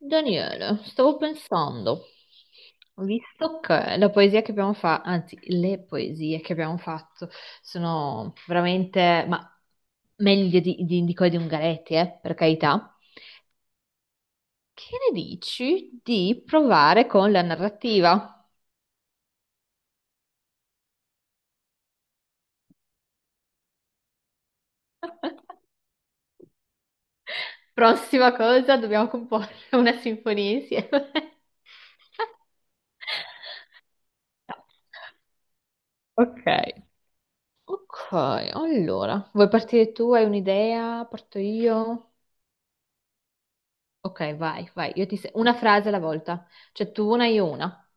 Daniele, stavo pensando, visto che la poesia che abbiamo fatto, anzi, le poesie che abbiamo fatto sono veramente, ma meglio di quelle di Ungaretti, per carità, che ne dici di provare con la narrativa? Prossima cosa, dobbiamo comporre una sinfonia insieme. Ok. Ok, allora, vuoi partire tu? Hai un'idea? Parto io? Ok, vai, vai. Io ti se- Una frase alla volta. Cioè tu una, io una.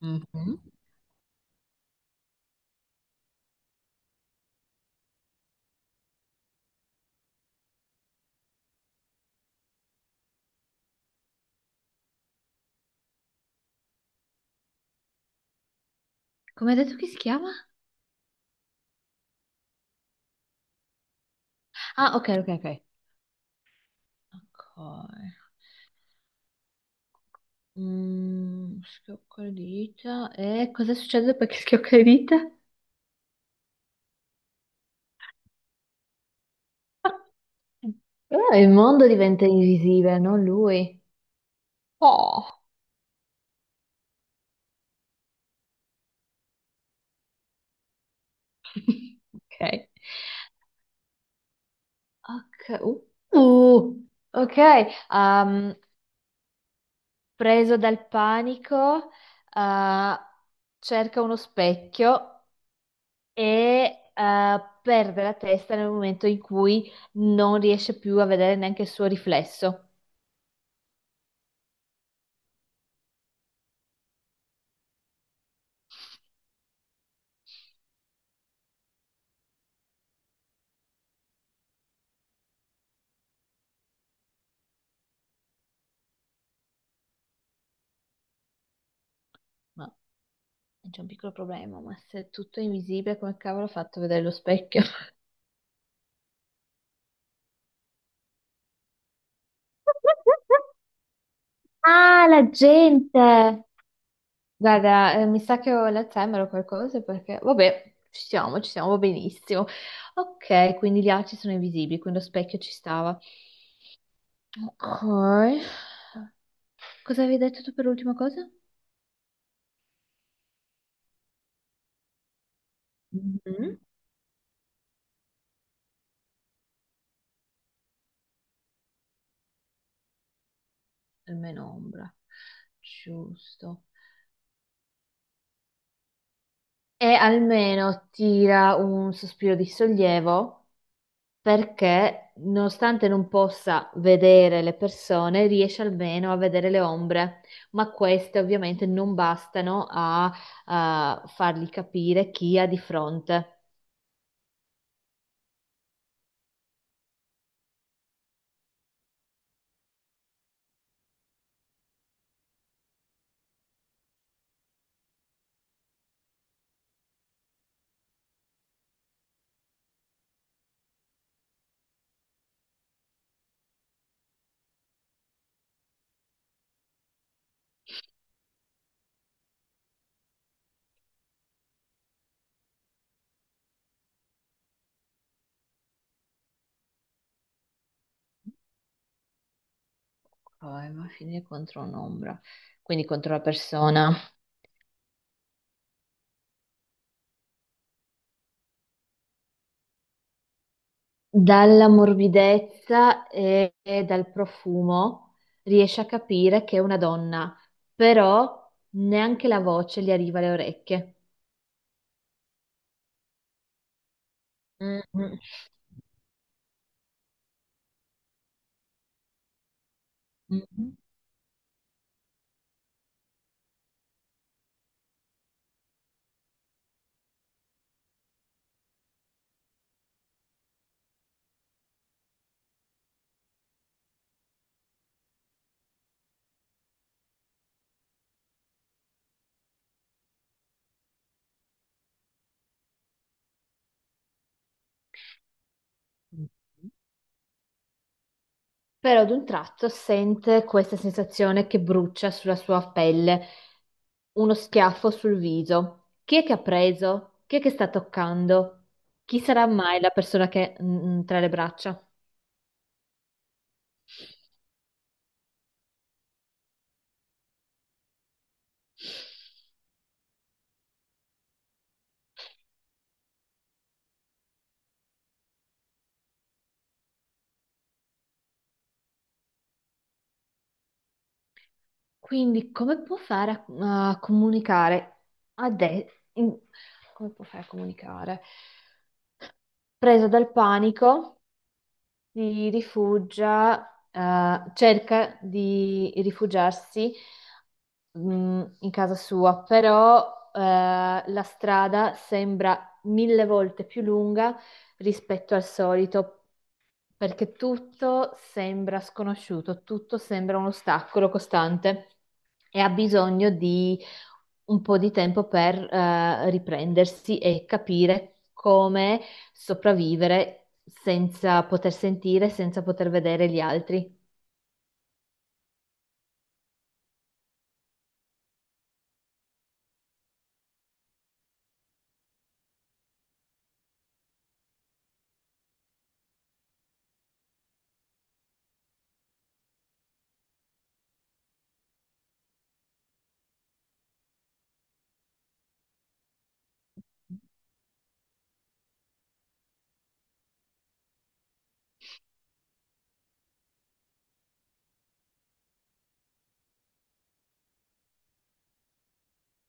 Mhm. Come hai detto che si chiama? Ah, ok, ok, ok. Ok. Schiocco le dita. E cosa succede perché schiocca le dita? Allora il mondo diventa invisibile, non lui. Oh. Ok. Ok. Uh, ok, um, preso dal panico, uh, cerca uno specchio e perde la testa nel momento in cui non riesce più a vedere neanche il suo riflesso. Ma c'è un piccolo problema, ma se tutto è invisibile, come cavolo ho fatto a vedere lo specchio? Ah, la gente! Guarda, mi sa che ho l'Alzheimer o qualcosa perché, vabbè, ci siamo, va benissimo. Ok, quindi gli altri sono invisibili, quindi lo specchio ci stava. Ok. Cosa avevi detto tu per l'ultima cosa? Mhm. E meno ombra. Giusto. E almeno tira un sospiro di sollievo perché, nonostante non possa vedere le persone, riesce almeno a vedere le ombre, ma queste ovviamente non bastano a fargli capire chi ha di fronte. Poi, ma finire contro un'ombra, quindi contro la persona. Dalla morbidezza e dal profumo riesce a capire che è una donna, però neanche la voce gli arriva alle orecchie. Mm, mm. Mhm. Però ad un tratto sente questa sensazione che brucia sulla sua pelle, uno schiaffo sul viso. Chi è che ha preso? Chi è che sta toccando? Chi sarà mai la persona che tra le braccia? Quindi come può fare a comunicare a de- in- come può fare a comunicare? Presa dal panico, si rifugia, cerca di rifugiarsi, in casa sua, però, la strada sembra mille volte più lunga rispetto al solito perché tutto sembra sconosciuto, tutto sembra un ostacolo costante e ha bisogno di un po' di tempo per riprendersi e capire come sopravvivere senza poter sentire, senza poter vedere gli altri.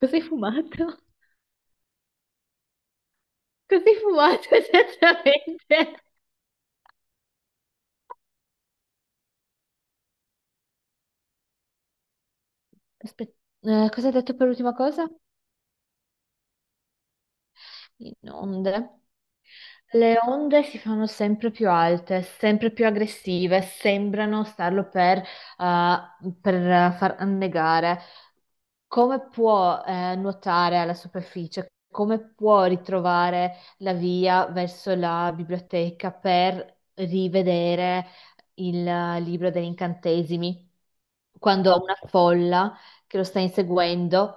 Cos'hai fumato? Cos'hai fumato esattamente? Aspetta, cosa hai detto per l'ultima cosa? Inonde. Le onde si fanno sempre più alte, sempre più aggressive, sembrano starlo per far annegare come può nuotare alla superficie, come può ritrovare la via verso la biblioteca per rivedere il libro degli incantesimi quando ha una folla che lo sta inseguendo.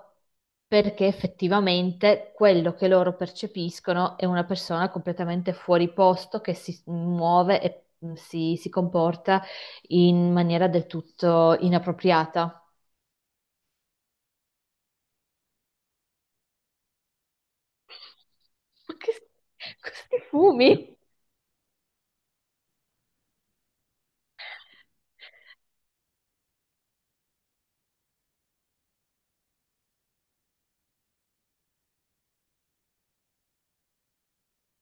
Perché effettivamente quello che loro percepiscono è una persona completamente fuori posto che si muove e si comporta in maniera del tutto inappropriata. Ma che, questi fumi?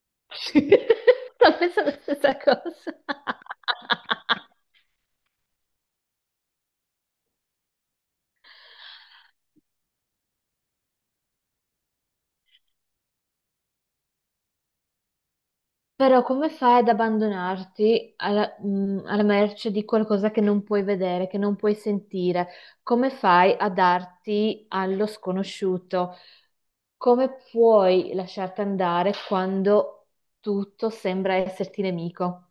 Sto pensando la stessa cosa. Però come fai ad abbandonarti alla merce di qualcosa che non puoi vedere, che non puoi sentire? Come fai a darti allo sconosciuto? Come puoi lasciarti andare quando tutto sembra esserti nemico?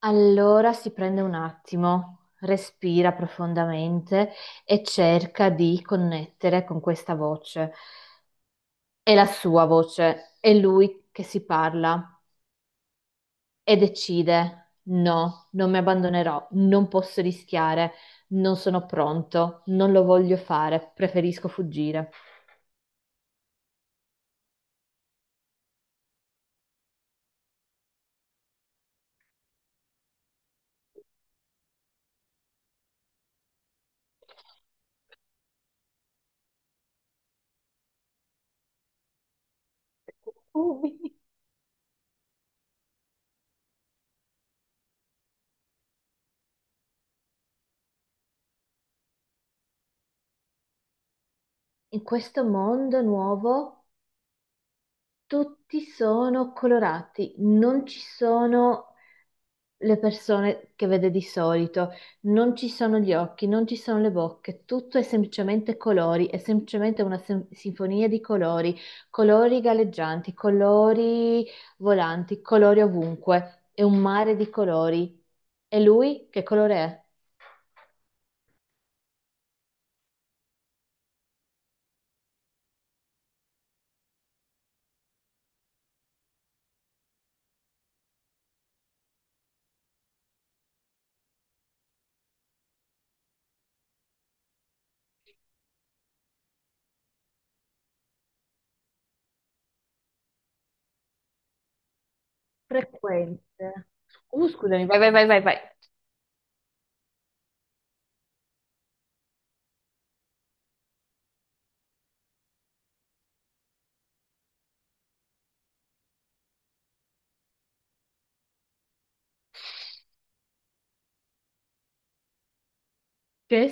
Allora si prende un attimo, respira profondamente e cerca di connettere con questa voce. È la sua voce, è lui che si parla e decide: no, non mi abbandonerò, non posso rischiare, non sono pronto, non lo voglio fare, preferisco fuggire. Ui. In questo mondo nuovo tutti sono colorati, non ci sono le persone che vede di solito, non ci sono gli occhi, non ci sono le bocche, tutto è semplicemente colori, è semplicemente una sinfonia di colori, colori galleggianti, colori volanti, colori ovunque, è un mare di colori. E lui che colore è? Frequente. Scusami, vai, vai, vai, vai, vai. Che?